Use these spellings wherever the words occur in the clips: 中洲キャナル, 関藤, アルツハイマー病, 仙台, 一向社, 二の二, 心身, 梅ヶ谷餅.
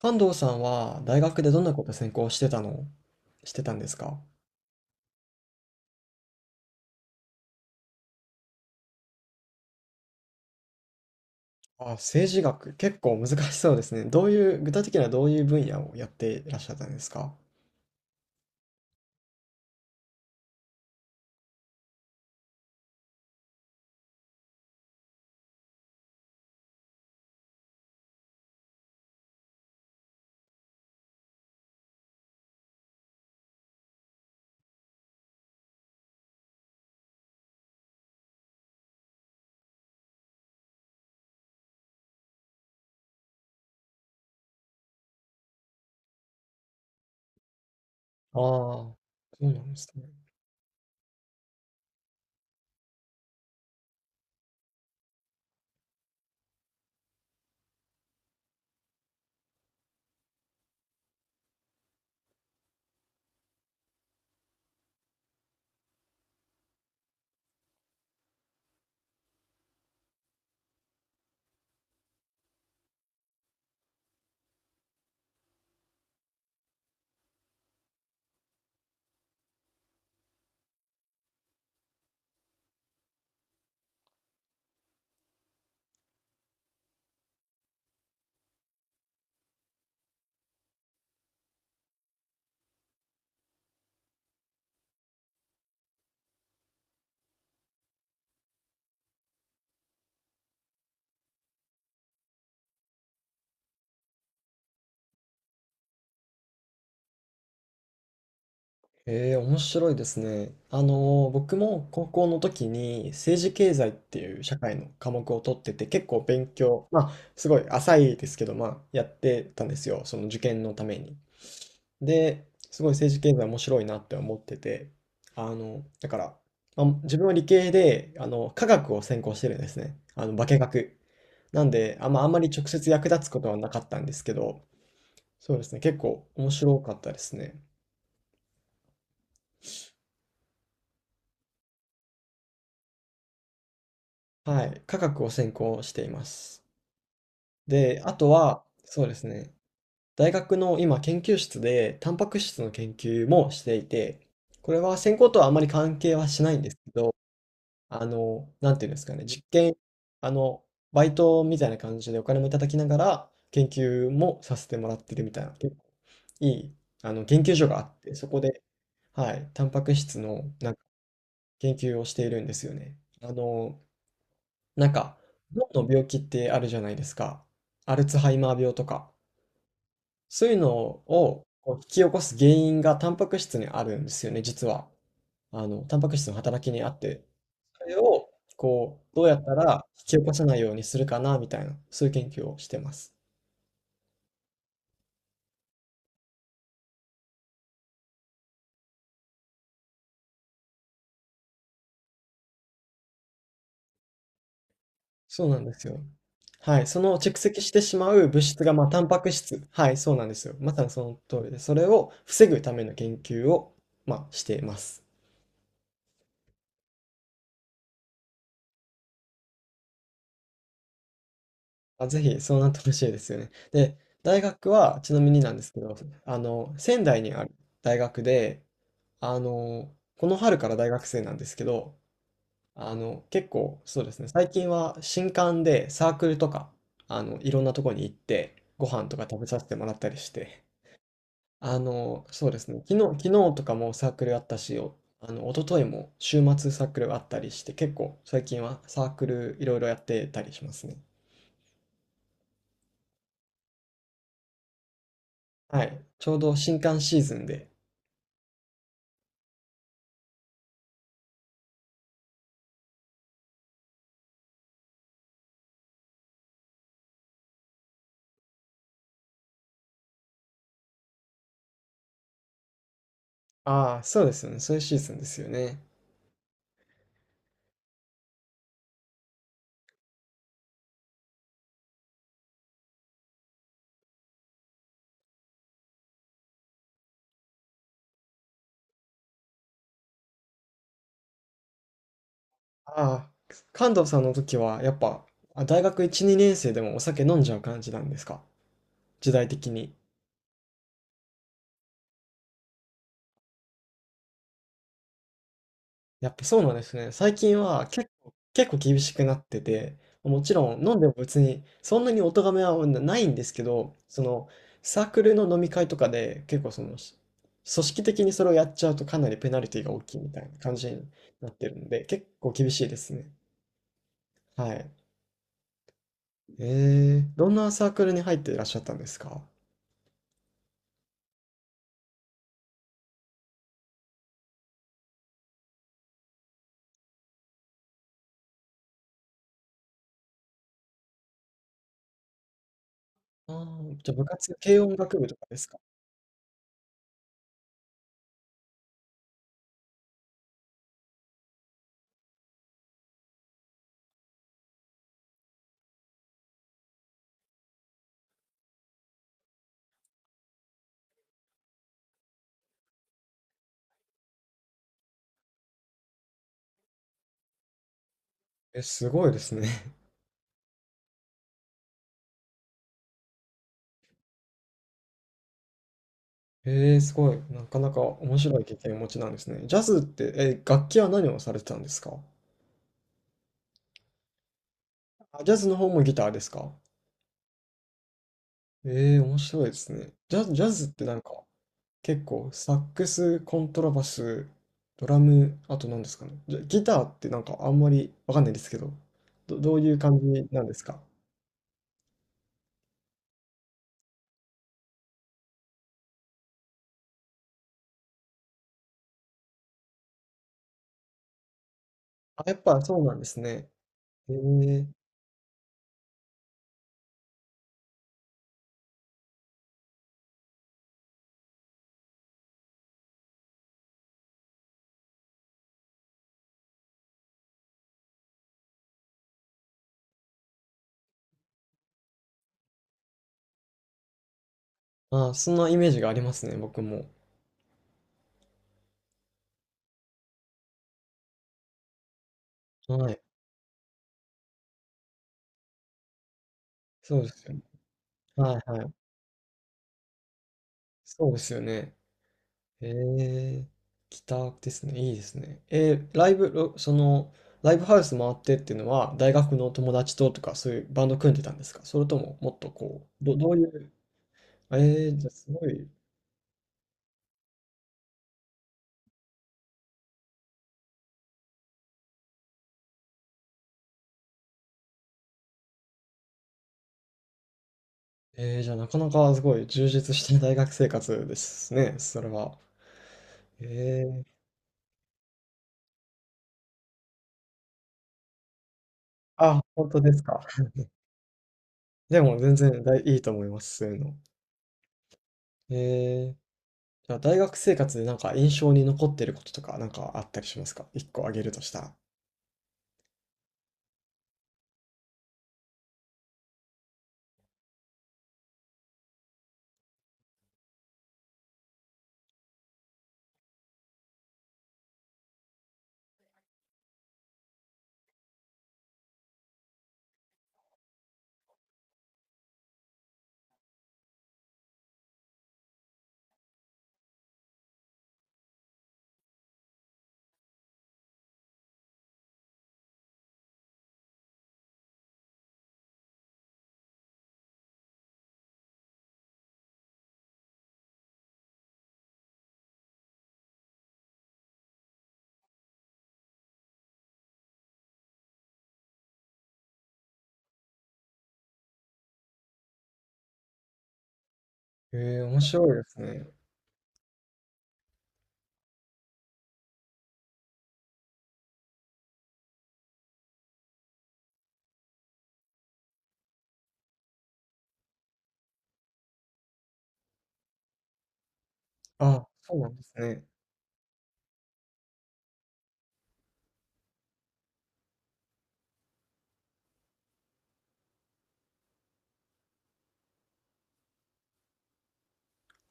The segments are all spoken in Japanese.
関藤さんは大学でどんなこと専攻してたの、してたんですか？あ、政治学、結構難しそうですね。どういう、具体的にはどういう分野をやっていらっしゃったんですか？ああ、そうなんですね。へえ、面白いですね。あの、僕も高校の時に政治経済っていう社会の科目を取ってて、結構勉強、まあ、すごい浅いですけど、まあ、やってたんですよ。その受験のために。で、すごい政治経済面白いなって思ってて、あの、だから、まあ、自分は理系で、あの、科学を専攻してるんですね。あの、化学。なんで、あんま、あんまり直接役立つことはなかったんですけど、そうですね、結構面白かったですね。はい、科学を専攻しています。で、あとは、そうですね、大学の今研究室で、タンパク質の研究もしていて、これは専攻とはあまり関係はしないんですけど、あの、なんていうんですかね、実験、あの、バイトみたいな感じでお金もいただきながら、研究もさせてもらってるみたいな、結構いい、あの、研究所があって、そこで、はい、タンパク質の、なんか、研究をしているんですよね。あの、なんか、脳の病気ってあるじゃないですか。アルツハイマー病とか。そういうのを、こう引き起こす原因がタンパク質にあるんですよね、実は。あの、タンパク質の働きにあって。それを、こう、どうやったら引き起こさないようにするかなみたいな、そういう研究をしてます。そうなんですよ。はい、その蓄積してしまう物質が、まあ、タンパク質、はい、そうなんですよ。まさにその通りで、それを防ぐための研究を、まあ、しています。あ、ぜひそうなってほしいですよね。で、大学はちなみになんですけど、あの、仙台にある大学で、あの、この春から大学生なんですけど、あの、結構、そうですね、最近は新刊でサークルとか、あの、いろんなとこに行って、ご飯とか食べさせてもらったりして、あの、そうですね、昨日、とかもサークルあったし、お、あの、一昨日も週末サークルがあったりして、結構最近はサークルいろいろやってたりしますね。はい、ちょうど新刊シーズンで、ああ、そうですよね、そういうシーズンですよね。ああ、関東さんの時は、やっぱ、あ、大学1、2年生でもお酒飲んじゃう感じなんですか、時代的に。やっぱそうなんですね。最近は結構、結構厳しくなってて、もちろん飲んでも別に、そんなにお咎めはないんですけど、その、サークルの飲み会とかで、結構その、し、組織的にそれをやっちゃうとかなりペナルティが大きいみたいな感じになってるので、結構厳しいですね。はい。えー、どんなサークルに入っていらっしゃったんですか？ああ、じゃ、部活、軽音楽部とかですか？え、すごいですね。えー、すごい。なかなか面白い経験をお持ちなんですね。ジャズって、え、楽器は何をされてたんですか？あ、ジャズの方もギターですか？えー、面白いですね。ジャズ、ジャズってなんか、結構サックス、コントラバス、ドラム、あと何ですかね。じゃ、ギターってなんかあんまりわかんないですけど、ど、どういう感じなんですか？あ、やっぱそうなんですね。へー、ああ、そんなイメージがありますね、僕も。はい。そうですよね。はいはい。そうですよね。へえ、ギターですね。いいですね。えー、ライブ、ろ、その、ライブハウス回ってっていうのは、大学の友達ととか、そういうバンド組んでたんですか、それとも、もっとこう、ど、どういう、えー、じゃあすごい、えー、じゃあなかなかすごい充実した大学生活ですね、それは。えー、あ、本当ですか。でも全然大いいと思います、そういうの。えー、じゃあ大学生活でなんか印象に残ってることとかなんかあったりしますか、一個あげるとしたら。ええ、面白いですね。あ、そうなんですね。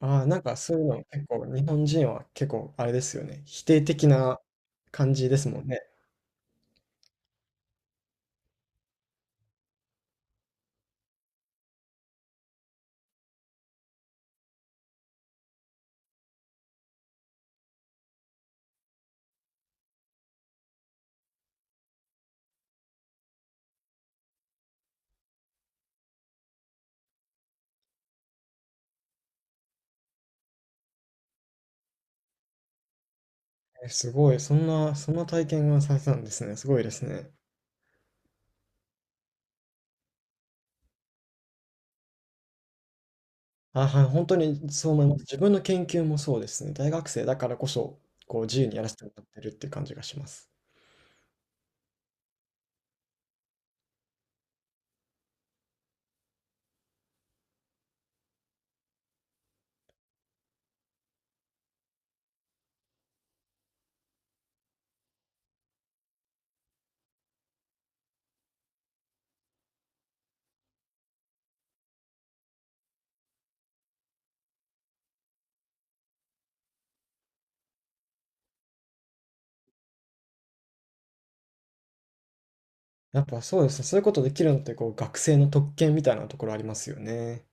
ああ、なんかそういうの結構日本人は結構あれですよね。否定的な感じですもんね。え、すごい。そんな、そんな体験がされたんですね。すごいですね。あ、はい、本当にそう思います。自分の研究もそうですね。大学生だからこそ、こう自由にやらせてもらってるっていう感じがします。やっぱそうですね。そういうことできるのって、こう学生の特権みたいなところありますよね。